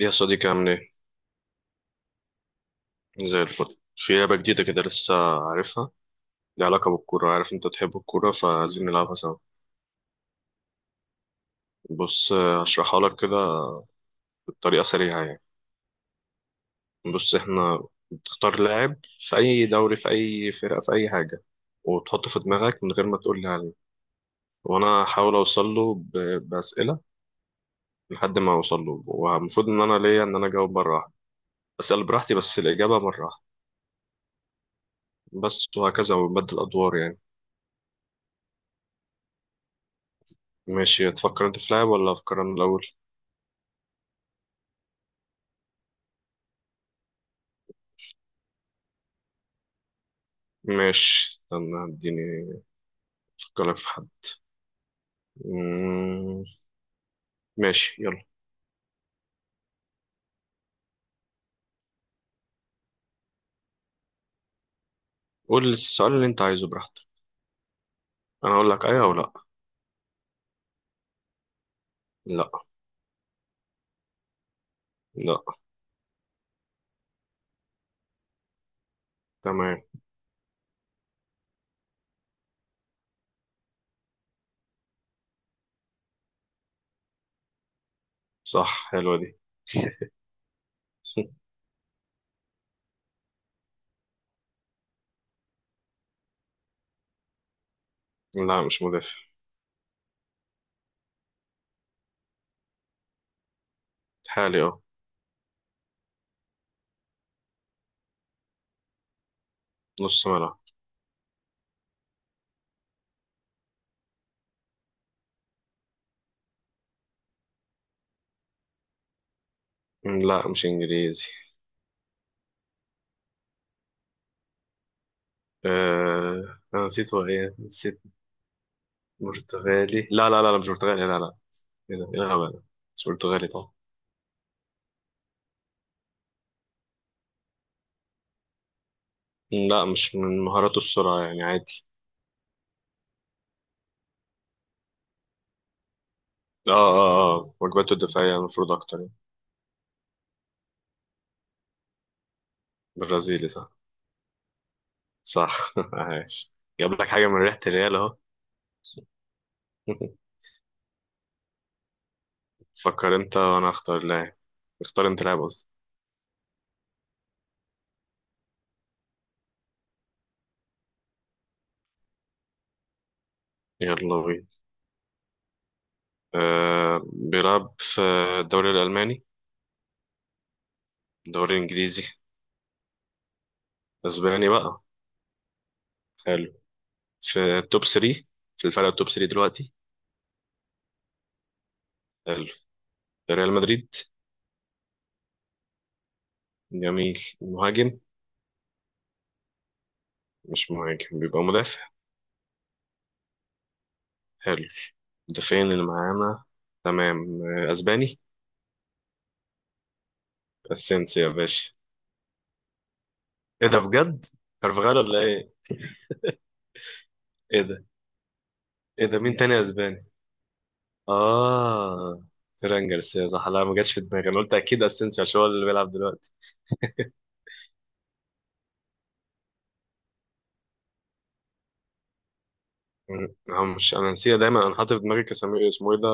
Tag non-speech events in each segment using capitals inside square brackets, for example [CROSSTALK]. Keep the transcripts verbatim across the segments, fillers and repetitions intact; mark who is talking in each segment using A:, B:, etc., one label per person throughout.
A: يا صديقي عامل ايه؟ زي الفل. في لعبة جديدة كده لسه، عارفها؟ ليها علاقة بالكورة، عارف انت بتحب الكورة، فعايزين نلعبها سوا. بص آه، هشرحها لك كده بطريقة سريعة يعني. بص احنا بتختار لاعب في أي دوري، في أي فرقة، في أي حاجة، وتحطه في دماغك من غير ما تقول لي عليه، وأنا هحاول أوصل له ب- بأسئلة لحد ما أوصل له. والمفروض إن أنا ليا إن أنا أجاوب مرة واحدة، أسأل براحتي بس الإجابة مرة واحدة بس، وهكذا ونبدل أدوار يعني. ماشي، تفكر انت في لاعب ولا افكر انا الاول؟ ماشي، استنى اديني افكر لك في حد. مم، ماشي يلا. قول السؤال اللي انت عايزه براحتك، انا اقول لك ايوه او لا. لا. لا. تمام. صح، حلوه دي. [LAUGHS] لا مش مدافع. حالي اه. نص ملعب. مم، لا مش انجليزي. آه... انا نسيت هو ايه، نسيت. برتغالي؟ لا لا لا لا، مش برتغالي، لا لا. ايه ده، ايه الغباء ده، مش برتغالي طبعا. مم، لا مش من مهاراته السرعه، يعني عادي. اه اه اه، واجباته الدفاعيه المفروض اكتر يعني. برازيلي؟ صح. صح [LAUGHS] عايش. جاب لك حاجة من ريحة الريال اهو. [LAUGHS] فكر انت وانا اختار لاعب. اختار انت لاعب قصدي. يلا بينا. أه، بيلعب في الدوري الألماني؟ الدوري الإنجليزي؟ أسباني بقى؟ حلو. في التوب ثلاثة؟ في الفرق التوب ثلاثة دلوقتي؟ حلو. ريال مدريد؟ جميل. مهاجم؟ مش مهاجم، بيبقى مدافع. حلو، المدافعين اللي معانا، تمام. آه، أسباني. أسينسيو يا باشا؟ ايه ده بجد؟ كارفاغال ولا ايه؟ ايه ده؟ ايه ده، مين تاني أسباني؟ اه، فران جارسيا، صح. لا ما جاتش في دماغي، انا قلت اكيد اسينسيو عشان هو اللي بيلعب دلوقتي. م- هو مش، انا نسيت دايما، انا حاطط في دماغي كاسامي اسمه ايه ده،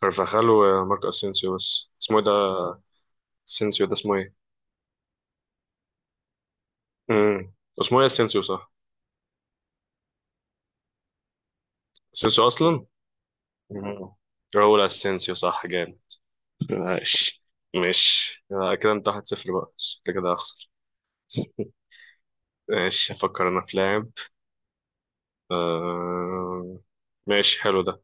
A: كارفاخال وماركو اسينسيو، بس اسمه ايه ده؟ اسينسيو ده اسمه ايه؟ امم، اسمه ايه؟ اسينسيو صح؟ اسينسيو اصلا. مم. راؤول اسينسيو صح، جامد. ماشي ماشي، آه، كده انت واحد صفر بقى، شكلي كده هخسر. ماشي افكر انا في لاعب. آه... ماشي حلو ده.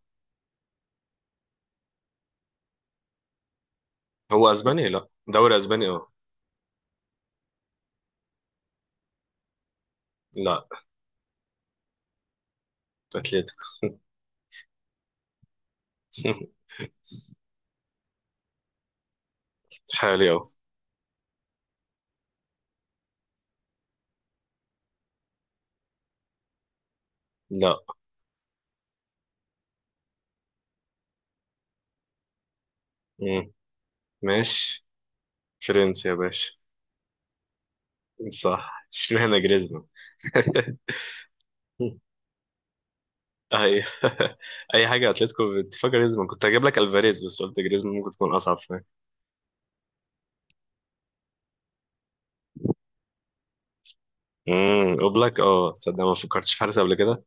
A: هو اسباني، لا دوري اسباني اه. لا. اتلتيكو. [LAUGHS] حالي اهو. لا. مم. ماشي، فرنسا يا باشا. صح. اشمعنى جريزمان؟ [LAUGHS] اي [LAUGHS] اي حاجه اتلتيكو بتفكر جريزمان كنت هجيب لك الفاريز بس قلت جريزمان ممكن تكون اصعب شويه. امم، اوبلاك اه، تصدق ما فكرتش في حارس قبل كده.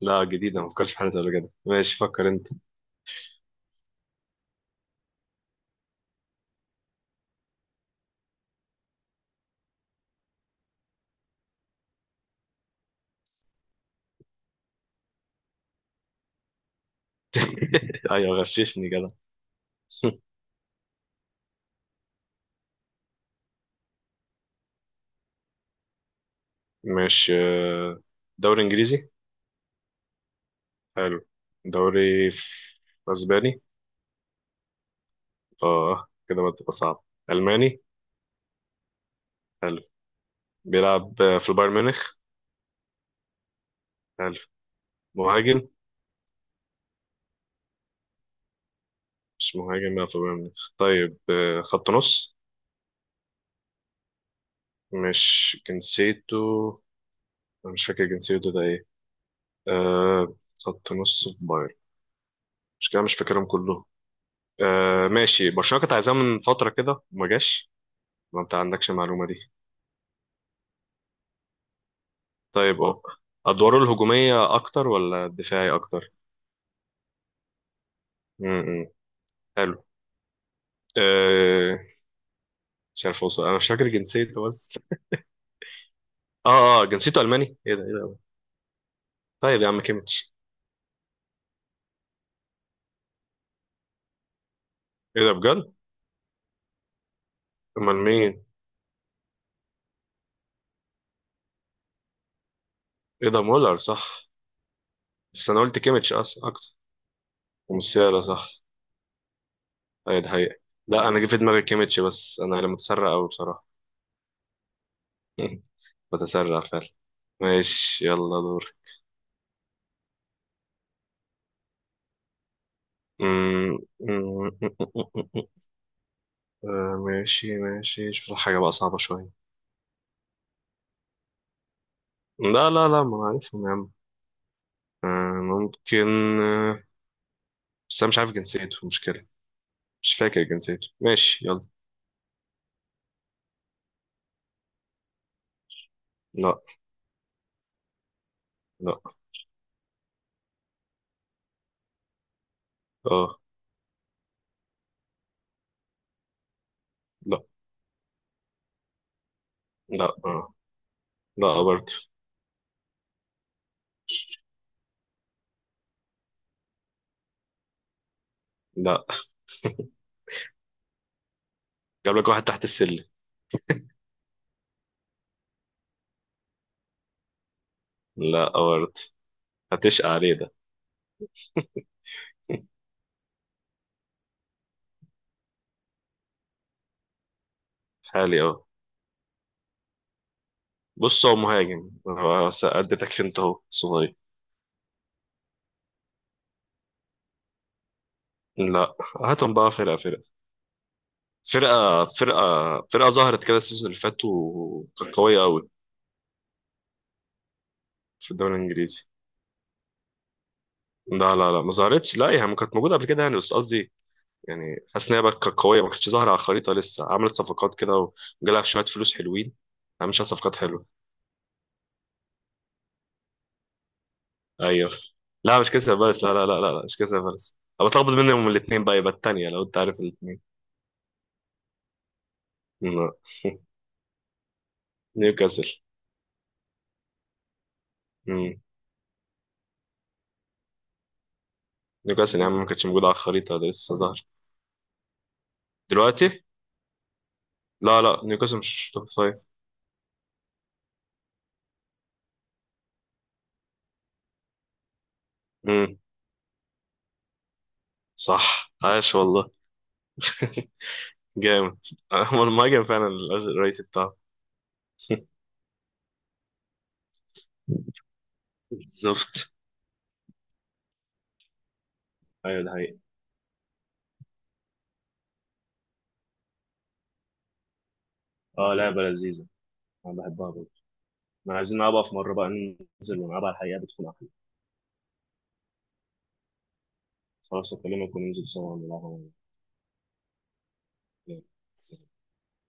A: لا جديده، ما فكرتش في حارس قبل كده. ماشي فكر انت. [LAUGHS] ايوه، غششني كده. [LAUGHS] ماشي. آه، دوري انجليزي؟ حلو. دوري ف- اسباني؟ اه كده بقى تبقى صعب. ألماني؟ حلو. بيلعب آه، في البايرن ميونخ؟ حلو. مهاجم؟ مش مهاجم، بيلعب في البايرن ميونخ طيب. آه، خط نص؟ مش جنسيته، أنا مش فاكر جنسيته ده ايه. آه، خط نص في بايرن، مش كده، مش فاكرهم كلهم. آه ماشي، برشلونة كانت عايزاه من فترة كده وما جاش. ما انت عندكش المعلومة دي. طيب اه، أدواره الهجومية أكتر ولا الدفاعي أكتر؟ م -م. حلو. آه، مش عارف أوصل، أنا مش فاكر جنسيته بس. اه اه، جنسيته الماني؟ ايه ده ايه ده. طيب يا عم كيميتش؟ ايه ده بجد؟ امال مين؟ ايه ده، مولر صح. بس انا قلت كيميتش اصلا اكتر. ومسيالا صح، ايوه ده حقيقة. لا انا جه في دماغي كيميتش، بس انا اللي متسرع قوي بصراحة. [LAUGHS] بتسرع فعلا. ماشي يلا دور. أمم، أمم، أمم، أمم، أمم. آه، ماشي ماشي، شوف لك حاجة بقى صعبة شوية. لا لا لا، ما عارفهم يا عم. آه، ممكن. آه، بس انا مش عارف جنسيته، مشكلة. مش فاكر جنسيته، ماشي يلا. لا. لا. اه. لا. لا. آه. لا برضه. لا. جاب لك واحد تحت السلم. لا برضه، هتشقى عليه ده. [LAUGHS] حالي اه. بص هو مهاجم، هو بس اديتك انت اهو صغير. لا. هاتهم بقى فرقة فرقة. فرقة فرقة فرقة ظهرت كده السيزون اللي فات وكانت قوية قوي في الدوري الانجليزي. لا لا لا، ما ظهرتش، لا يعني كانت موجودة قبل كده يعني، بس قصدي يعني حاسس ان هي بقى كانت قوية، ما كانتش ظاهرة على الخريطة، لسه عملت صفقات كده وجالها شوية فلوس حلوين، عملت شوية صفقات حلوة. ايوه. لا مش كريستال بالاس، لا لا لا لا لا، مش كريستال بالاس، انا بتلخبط بينهم الاثنين بقى. يبقى الثانيه لو انت عارف الاثنين. [LAUGHS] نيوكاسل. مم. نيوكاسل يا عم، ما كانتش موجوده على الخريطه، ده لسه ظهر دلوقتي. لا لا، نيوكاسل مش توب فايف. مم. صح، عاش والله. [LAUGHS] جامد، هو المهاجم فعلا الرئيسي بتاعه. بالظبط. ايوه ده حقيقي. اه، لعبه لذيذه، انا بحبها برضه. ما عايزين نلعبها في مره بقى، ننزل ونلعبها على الحقيقه، بتكون احلى. خلاص اكلمك وننزل سوا ونلعبها.